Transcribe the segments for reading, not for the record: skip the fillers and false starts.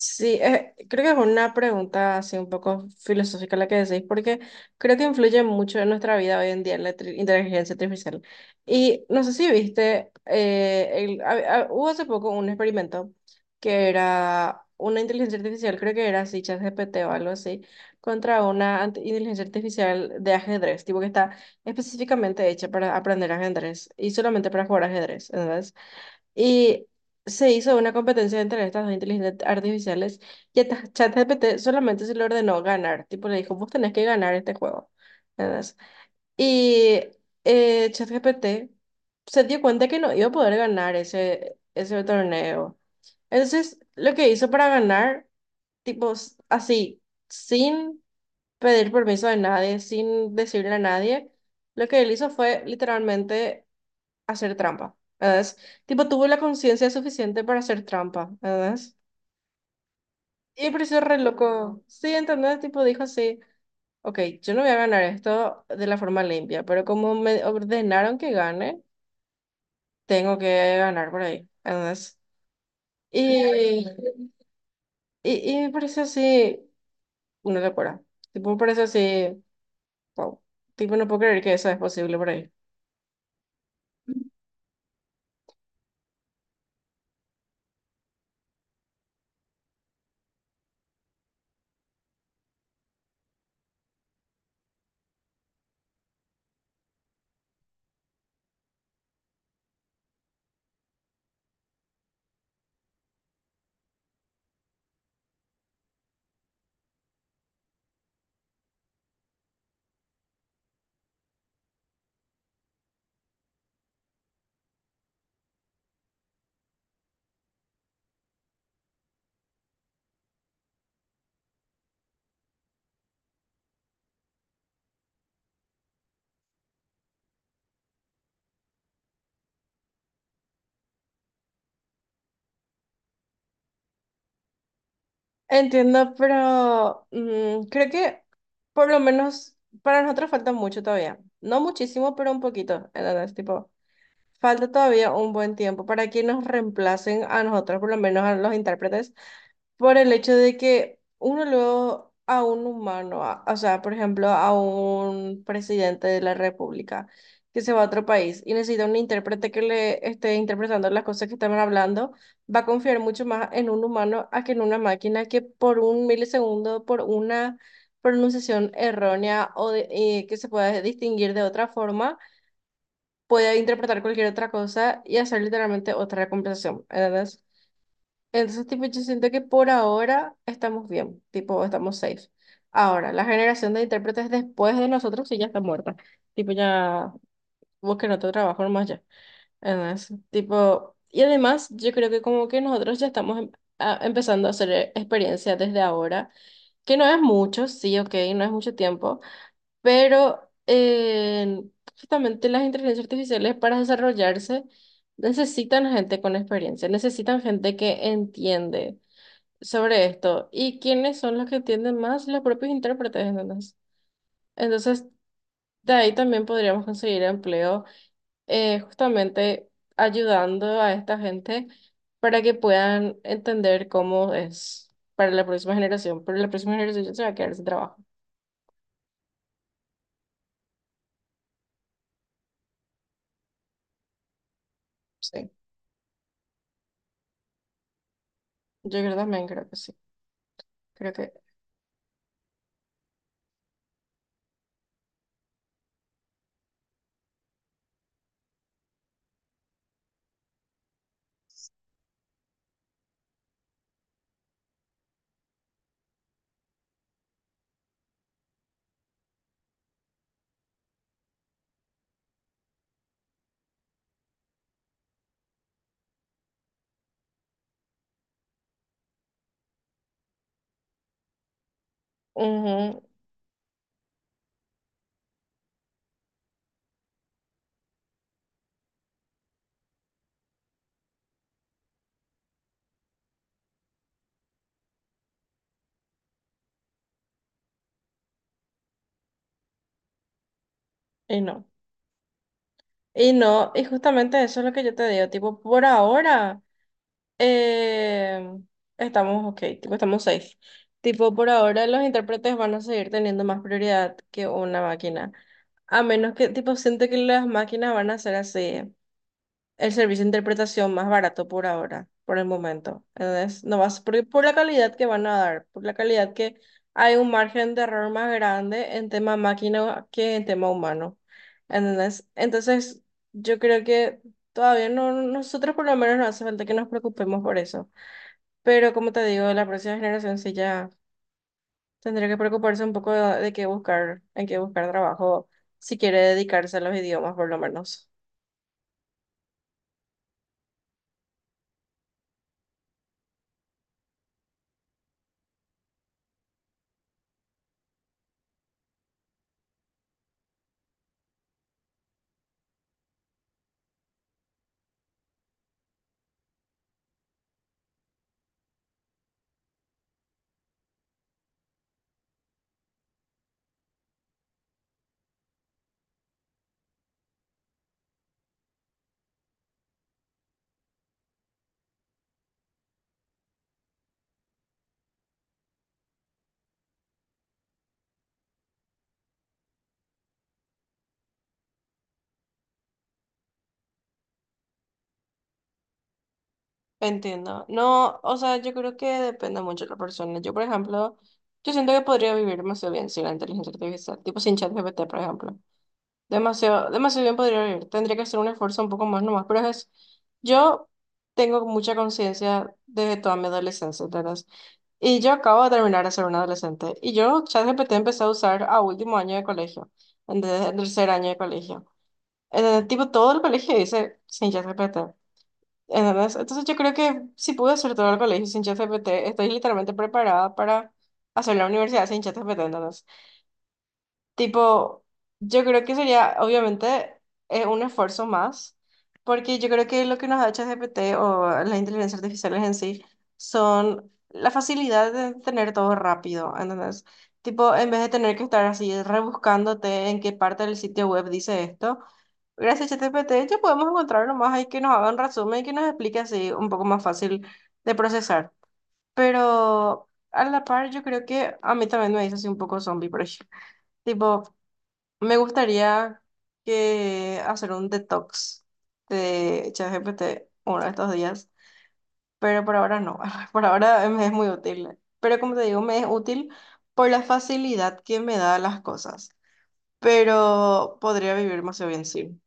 Sí, creo que es una pregunta así un poco filosófica la que decís, porque creo que influye mucho en nuestra vida hoy en día la inteligencia artificial. Y no sé si viste, hubo hace poco un experimento que era una inteligencia artificial, creo que era así, ChatGPT o algo así, contra una inteligencia artificial de ajedrez, tipo que está específicamente hecha para aprender ajedrez y solamente para jugar ajedrez, y se hizo una competencia entre estas dos inteligencias artificiales y esta ChatGPT solamente se le ordenó ganar. Tipo, le dijo, vos tenés que ganar este juego. ¿Entendés? Y ChatGPT se dio cuenta que no iba a poder ganar ese torneo. Entonces, lo que hizo para ganar, tipo, así, sin pedir permiso de nadie, sin decirle a nadie, lo que él hizo fue literalmente hacer trampa, ¿verdad? Tipo, tuvo la conciencia suficiente para hacer trampa, ¿verdad? Y me pareció re loco. Sí, ¿entendés? Tipo, dijo así, ok, yo no voy a ganar esto de la forma limpia, pero como me ordenaron que gane, tengo que ganar por ahí, ¿entendés? Y, y me pareció así una locura. Tipo, me pareció así, wow. Tipo, no puedo creer que eso es posible por ahí. Entiendo, pero mm, creo que por lo menos para nosotros falta mucho todavía. No muchísimo, pero un poquito. ¿Entendés? Tipo, falta todavía un buen tiempo para que nos reemplacen a nosotros, por lo menos a los intérpretes, por el hecho de que uno luego a un humano, o sea, por ejemplo, a un presidente de la República que se va a otro país y necesita un intérprete que le esté interpretando las cosas que estaban hablando, va a confiar mucho más en un humano a que en una máquina que por un milisegundo, por una pronunciación errónea o que se pueda distinguir de otra forma podía interpretar cualquier otra cosa y hacer literalmente otra conversación, ¿entendés? Entonces, tipo, yo siento que por ahora estamos bien, tipo, estamos safe. Ahora, la generación de intérpretes después de nosotros sí ya está muerta. Tipo, ya busquen otro trabajo nomás ya. ¿Entendés? Tipo, y además, yo creo que como que nosotros ya estamos empezando a hacer experiencia desde ahora, que no es mucho, sí, ok, no es mucho tiempo, pero justamente las inteligencias artificiales para desarrollarse necesitan gente con experiencia, necesitan gente que entiende sobre esto. ¿Y quiénes son los que entienden más? Los propios intérpretes, ¿entendés? Entonces, de ahí también podríamos conseguir empleo justamente ayudando a esta gente para que puedan entender cómo es para la próxima generación, pero la próxima generación se va a quedar sin trabajo. Sí. Yo creo también, creo que sí. Creo que ujú, Y no, y no, y justamente eso es lo que yo te digo, tipo, por ahora eh, estamos ok, tipo, estamos safe. Tipo, por ahora los intérpretes van a seguir teniendo más prioridad que una máquina. A menos que, tipo, siento que las máquinas van a ser así el servicio de interpretación más barato por ahora, por el momento. Entonces, no vas, porque por la calidad que van a dar, por la calidad que hay un margen de error más grande en tema máquina que en tema humano. ¿Entendés? Entonces, yo creo que todavía no, nosotros por lo menos no hace falta que nos preocupemos por eso. Pero como te digo, la próxima generación sí ya tendría que preocuparse un poco de qué buscar, en qué buscar trabajo, si quiere dedicarse a los idiomas por lo menos. Entiendo. No, o sea, yo creo que depende mucho de la persona. Yo, por ejemplo, yo siento que podría vivir demasiado bien sin la inteligencia artificial, tipo sin ChatGPT, por ejemplo. Demasiado, demasiado bien podría vivir. Tendría que hacer un esfuerzo un poco más nomás, pero es, yo tengo mucha conciencia desde toda mi adolescencia, ¿entendés? Y yo acabo de terminar de ser un adolescente. Y yo ChatGPT empecé a usar a último año de colegio, en tercer año de colegio. Tipo, todo el colegio dice sin ChatGPT. ¿Entendés? Entonces yo creo que si pude hacer todo el colegio sin ChatGPT, estoy literalmente preparada para hacer la universidad sin ChatGPT, ¿entendés? Tipo, yo creo que sería, obviamente, un esfuerzo más, porque yo creo que lo que nos da ChatGPT o las inteligencias artificiales en sí son la facilidad de tener todo rápido, ¿entendés? Tipo, en vez de tener que estar así rebuscándote en qué parte del sitio web dice esto, gracias a ChatGPT ya podemos encontrar nomás ahí que nos haga un resumen y que nos explique así un poco más fácil de procesar. Pero a la par, yo creo que a mí también me hizo así un poco zombie, por ejemplo. Tipo, me gustaría que hacer un detox de ChatGPT uno de estos días, pero por ahora no. Por ahora me es muy útil. Pero como te digo, me es útil por la facilidad que me da las cosas. Pero podría vivir demasiado bien sin.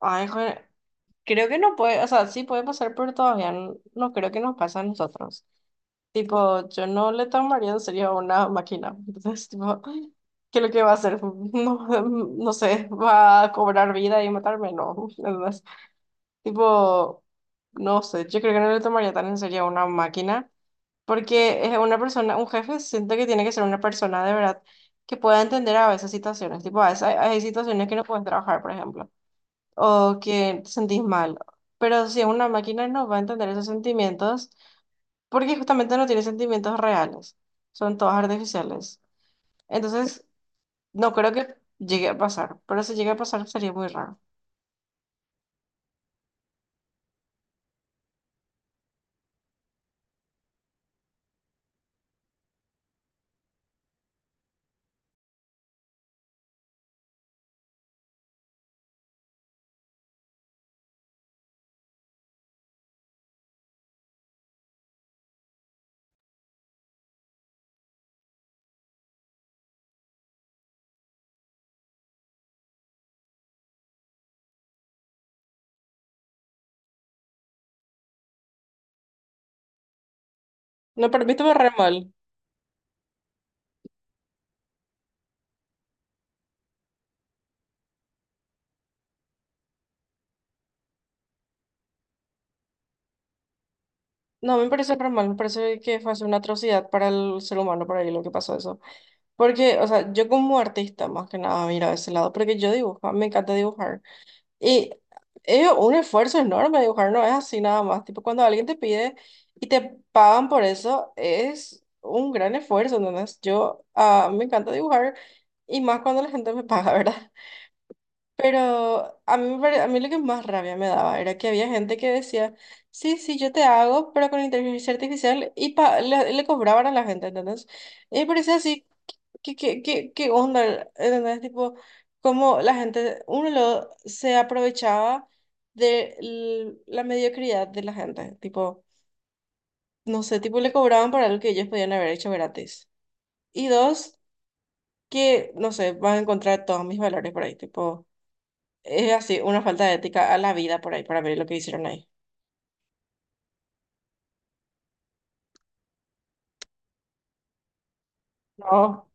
Ay, joder, creo que no puede, o sea, sí puede pasar, pero todavía no, no creo que nos pase a nosotros. Tipo, yo no le tomaría en serio a una máquina. Entonces, tipo, ¿qué es lo que va a hacer? No, no sé, ¿va a cobrar vida y matarme? No. Entonces, tipo, no sé, yo creo que no le tomaría tan en serio a una máquina, porque es una persona, un jefe, siento que tiene que ser una persona de verdad que pueda entender a veces situaciones. Tipo, a veces hay situaciones que no puedes trabajar, por ejemplo, o que te sentís mal. Pero si es una máquina no va a entender esos sentimientos porque justamente no tiene sentimientos reales, son todas artificiales. Entonces, no creo que llegue a pasar, pero si llega a pasar sería muy raro. No, pero a mí estuvo re mal. No, me parece re mal, me parece que fue una atrocidad para el ser humano, por ahí lo que pasó eso. Porque, o sea, yo como artista, más que nada, miro ese lado, porque yo dibujo, me encanta dibujar. Y es un esfuerzo enorme dibujar, no es así nada más. Tipo, cuando alguien te pide y te pagan por eso, es un gran esfuerzo, ¿entendés? Yo, ah, me encanta dibujar y más cuando la gente me paga, ¿verdad? Pero a mí, a mí lo que más rabia me daba era que había gente que decía, sí, sí, yo te hago, pero con inteligencia artificial y le cobraban a la gente, ¿entendés? Y me parecía así ¿ qué onda? ¿Entendés? Tipo, cómo la gente, uno lo, se aprovechaba de la mediocridad de la gente. Tipo, no sé, tipo le cobraban por algo que ellos podían haber hecho gratis. Y dos, que, no sé, van a encontrar todos mis valores por ahí. Tipo, es así, una falta de ética a la vida por ahí, para ver lo que hicieron ahí. No,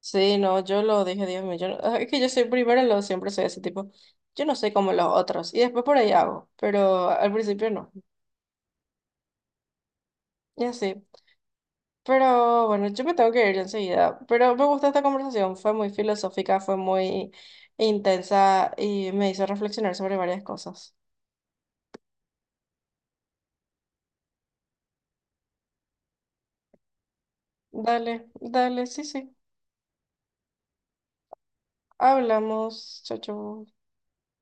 sí, no, yo lo dije, Dios mío, yo, es que yo soy primero, lo siempre soy ese tipo. Yo no soy como los otros, y después por ahí hago, pero al principio no. Y así. Pero bueno, yo me tengo que ir enseguida. Pero me gustó esta conversación, fue muy filosófica, fue muy intensa y me hizo reflexionar sobre varias cosas. Dale, dale, sí, sí. Hablamos. Chau, chau.